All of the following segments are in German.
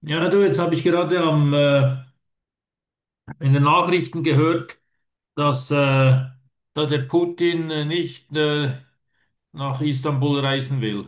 Ja, du, jetzt habe ich gerade in den Nachrichten gehört, dass da der Putin nicht nach Istanbul reisen will.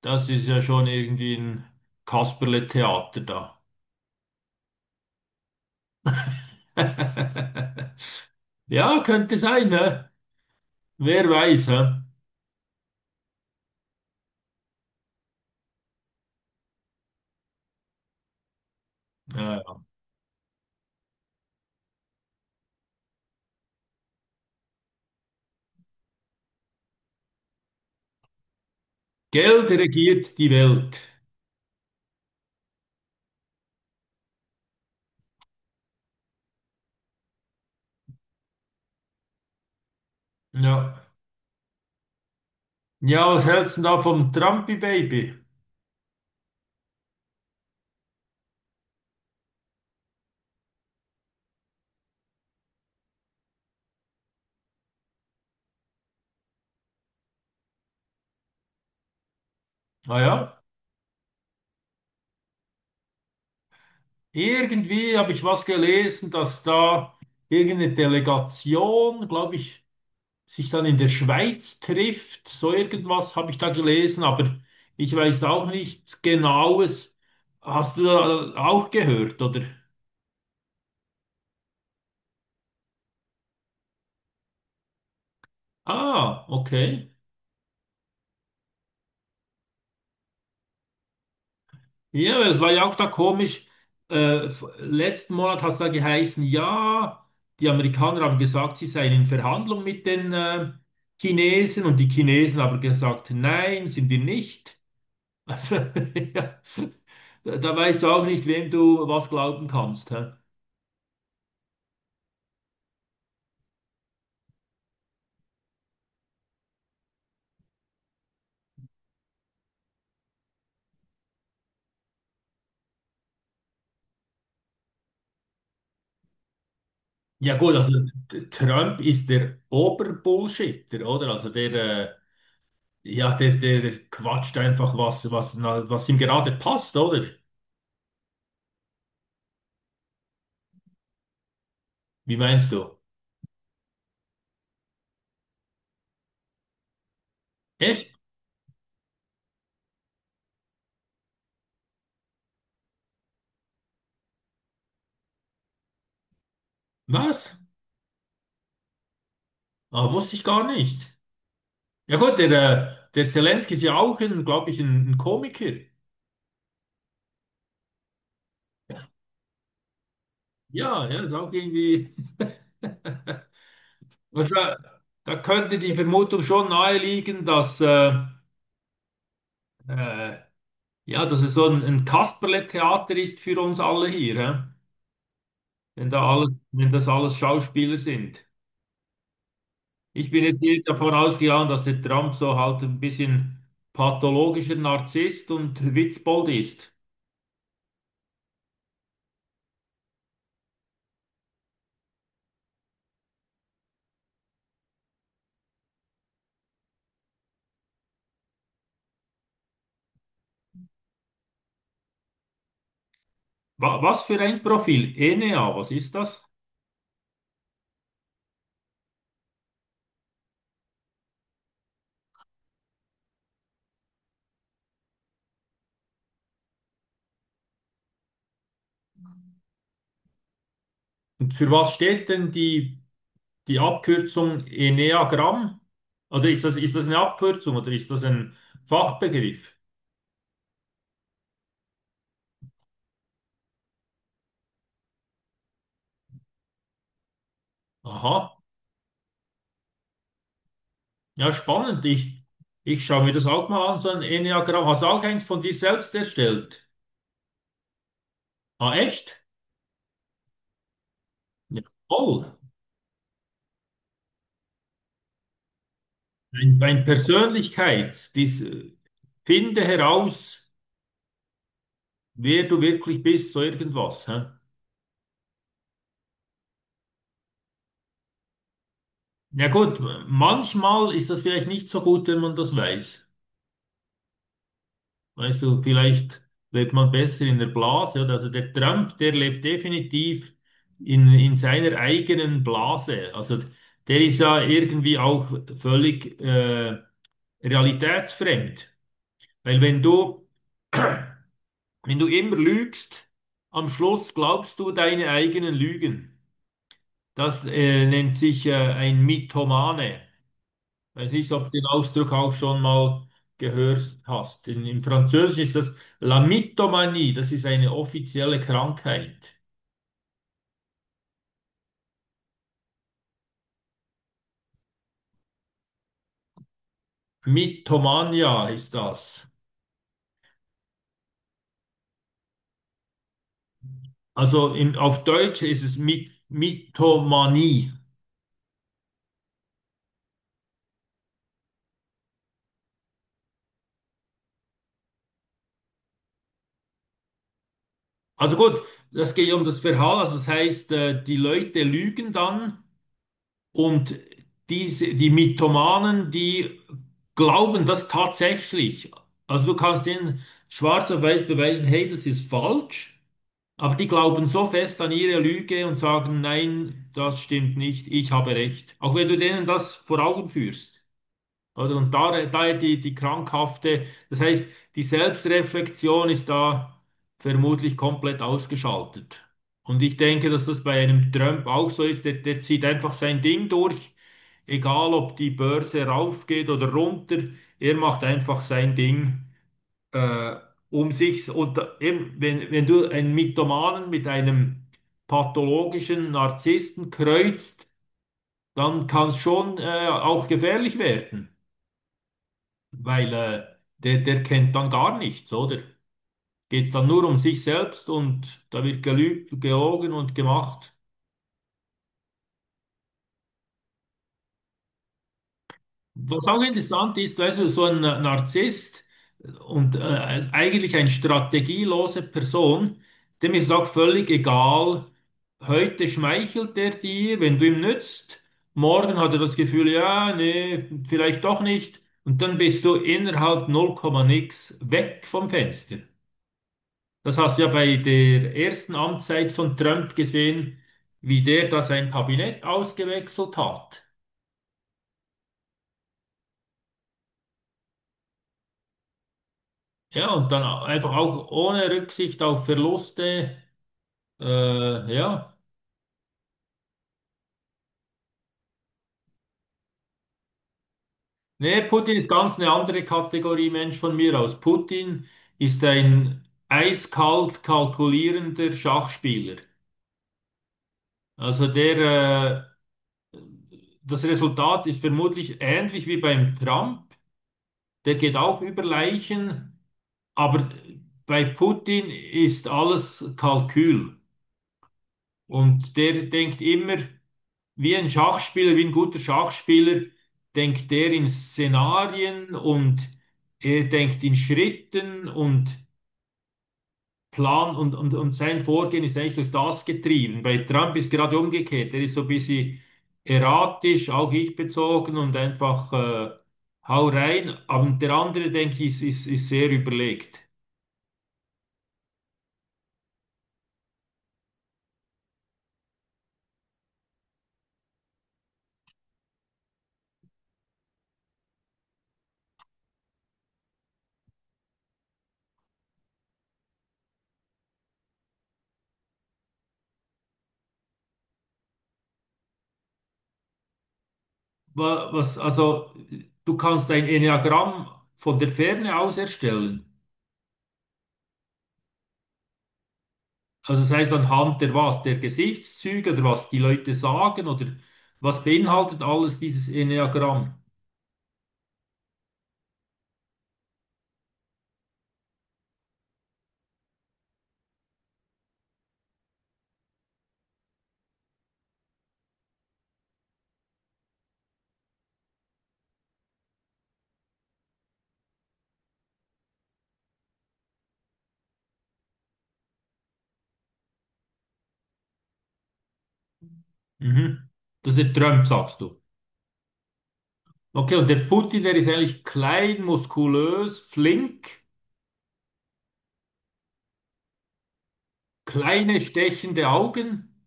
Das ist ja schon irgendwie ein Kasperle-Theater da. Ja, könnte sein, ne? Wer weiß, hä? Ja. Ja. Geld regiert die Welt. Ja. Ja, was hältst du denn da vom Trumpy-Baby? Ah ja. Irgendwie habe ich was gelesen, dass da irgendeine Delegation, glaube ich, sich dann in der Schweiz trifft. So irgendwas habe ich da gelesen, aber ich weiß auch nichts Genaues. Hast du da auch gehört, oder? Ah, okay. Ja, weil es war ja auch da komisch. Letzten Monat hat es da geheißen, ja, die Amerikaner haben gesagt, sie seien in Verhandlung mit den Chinesen, und die Chinesen haben gesagt, nein, sind wir nicht. Also, ja. Da weißt du auch nicht, wem du was glauben kannst. Hä? Ja gut, also Trump ist der Oberbullshitter, oder? Also ja, der quatscht einfach was, was ihm gerade passt, oder? Wie meinst du? Echt? Was? Ah, wusste ich gar nicht. Ja gut, der Zelensky ist ja auch, glaube ich, ein Komiker. Ja, ja, ist auch irgendwie. Was da, da könnte die Vermutung schon naheliegen, dass äh, ja, dass es so ein Kasperle-Theater ist für uns alle hier, hä? Wenn das alles Schauspieler sind. Ich bin jetzt hier davon ausgegangen, dass der Trump so halt ein bisschen pathologischer Narzisst und Witzbold ist. Wa Was für ein Profil? ENEA, was ist das? Und für was steht denn die Abkürzung Enneagramm? Oder ist das eine Abkürzung oder ist das ein Fachbegriff? Aha. Ja, spannend. Ich schaue mir das auch mal an, so ein Enneagramm. Hast du auch eins von dir selbst erstellt? Ah, echt? Ja, toll. Ein, ein Persönlichkeits, dies, äh, Finde heraus, wer du wirklich bist, so irgendwas. Hä? Ja gut, manchmal ist das vielleicht nicht so gut, wenn man das weiß. Weißt du, vielleicht lebt man besser in der Blase, oder? Also der Trump, der lebt definitiv in seiner eigenen Blase. Also der ist ja irgendwie auch völlig realitätsfremd. Weil wenn du immer lügst, am Schluss glaubst du deine eigenen Lügen. Das nennt sich ein Mythomane. Weiß nicht, ob du den Ausdruck auch schon mal gehört hast. Im Französischen ist das La Mythomanie, das ist eine offizielle Krankheit. Mythomania ist das. Auf Deutsch ist es My Mythomanie. Also gut, das geht um das Verhalten, also das heißt, die Leute lügen dann, und die Mythomanen, die glauben das tatsächlich. Also du kannst ihnen schwarz auf weiß beweisen, hey, das ist falsch. Aber die glauben so fest an ihre Lüge und sagen, nein, das stimmt nicht, ich habe recht. Auch wenn du denen das vor Augen führst. Oder? Und die krankhafte, das heißt, die Selbstreflexion ist da vermutlich komplett ausgeschaltet. Und ich denke, dass das bei einem Trump auch so ist. Der zieht einfach sein Ding durch, egal ob die Börse raufgeht oder runter, er macht einfach sein Ding äh, um sich eben, wenn du einen Mythomanen mit einem pathologischen Narzissten kreuzt, dann kann es schon auch gefährlich werden, weil der kennt dann gar nichts, oder? Geht es dann nur um sich selbst, und da wird gelügt, gelogen und gemacht. Was auch interessant ist, weißt du, so ein Narzisst und eigentlich eine strategielose Person, dem ist auch völlig egal, heute schmeichelt er dir, wenn du ihm nützt, morgen hat er das Gefühl, ja, nee, vielleicht doch nicht, und dann bist du innerhalb 0, nix weg vom Fenster. Das hast du ja bei der ersten Amtszeit von Trump gesehen, wie der da sein Kabinett ausgewechselt hat. Ja, und dann einfach auch ohne Rücksicht auf Verluste. Ja. Nee, Putin ist ganz eine andere Kategorie Mensch von mir aus. Putin ist ein eiskalt kalkulierender Schachspieler. Also der, äh, Das Resultat ist vermutlich ähnlich wie beim Trump. Der geht auch über Leichen, aber bei Putin ist alles Kalkül. Und der denkt immer, wie ein Schachspieler, wie ein guter Schachspieler, denkt er in Szenarien, und er denkt in Schritten und Plan, und, und sein Vorgehen ist eigentlich durch das getrieben. Bei Trump ist gerade umgekehrt. Er ist so ein bisschen erratisch, auch ich bezogen und einfach hau rein. Aber der andere, denke ich, ist sehr überlegt. Was, also, du kannst ein Enneagramm von der Ferne aus erstellen. Also das heißt anhand der was, der Gesichtszüge oder was die Leute sagen oder was beinhaltet alles dieses Enneagramm? Mhm. Das ist der Trump, sagst du. Okay, und der Putin, der ist eigentlich klein, muskulös, flink, kleine stechende Augen.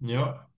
Ja.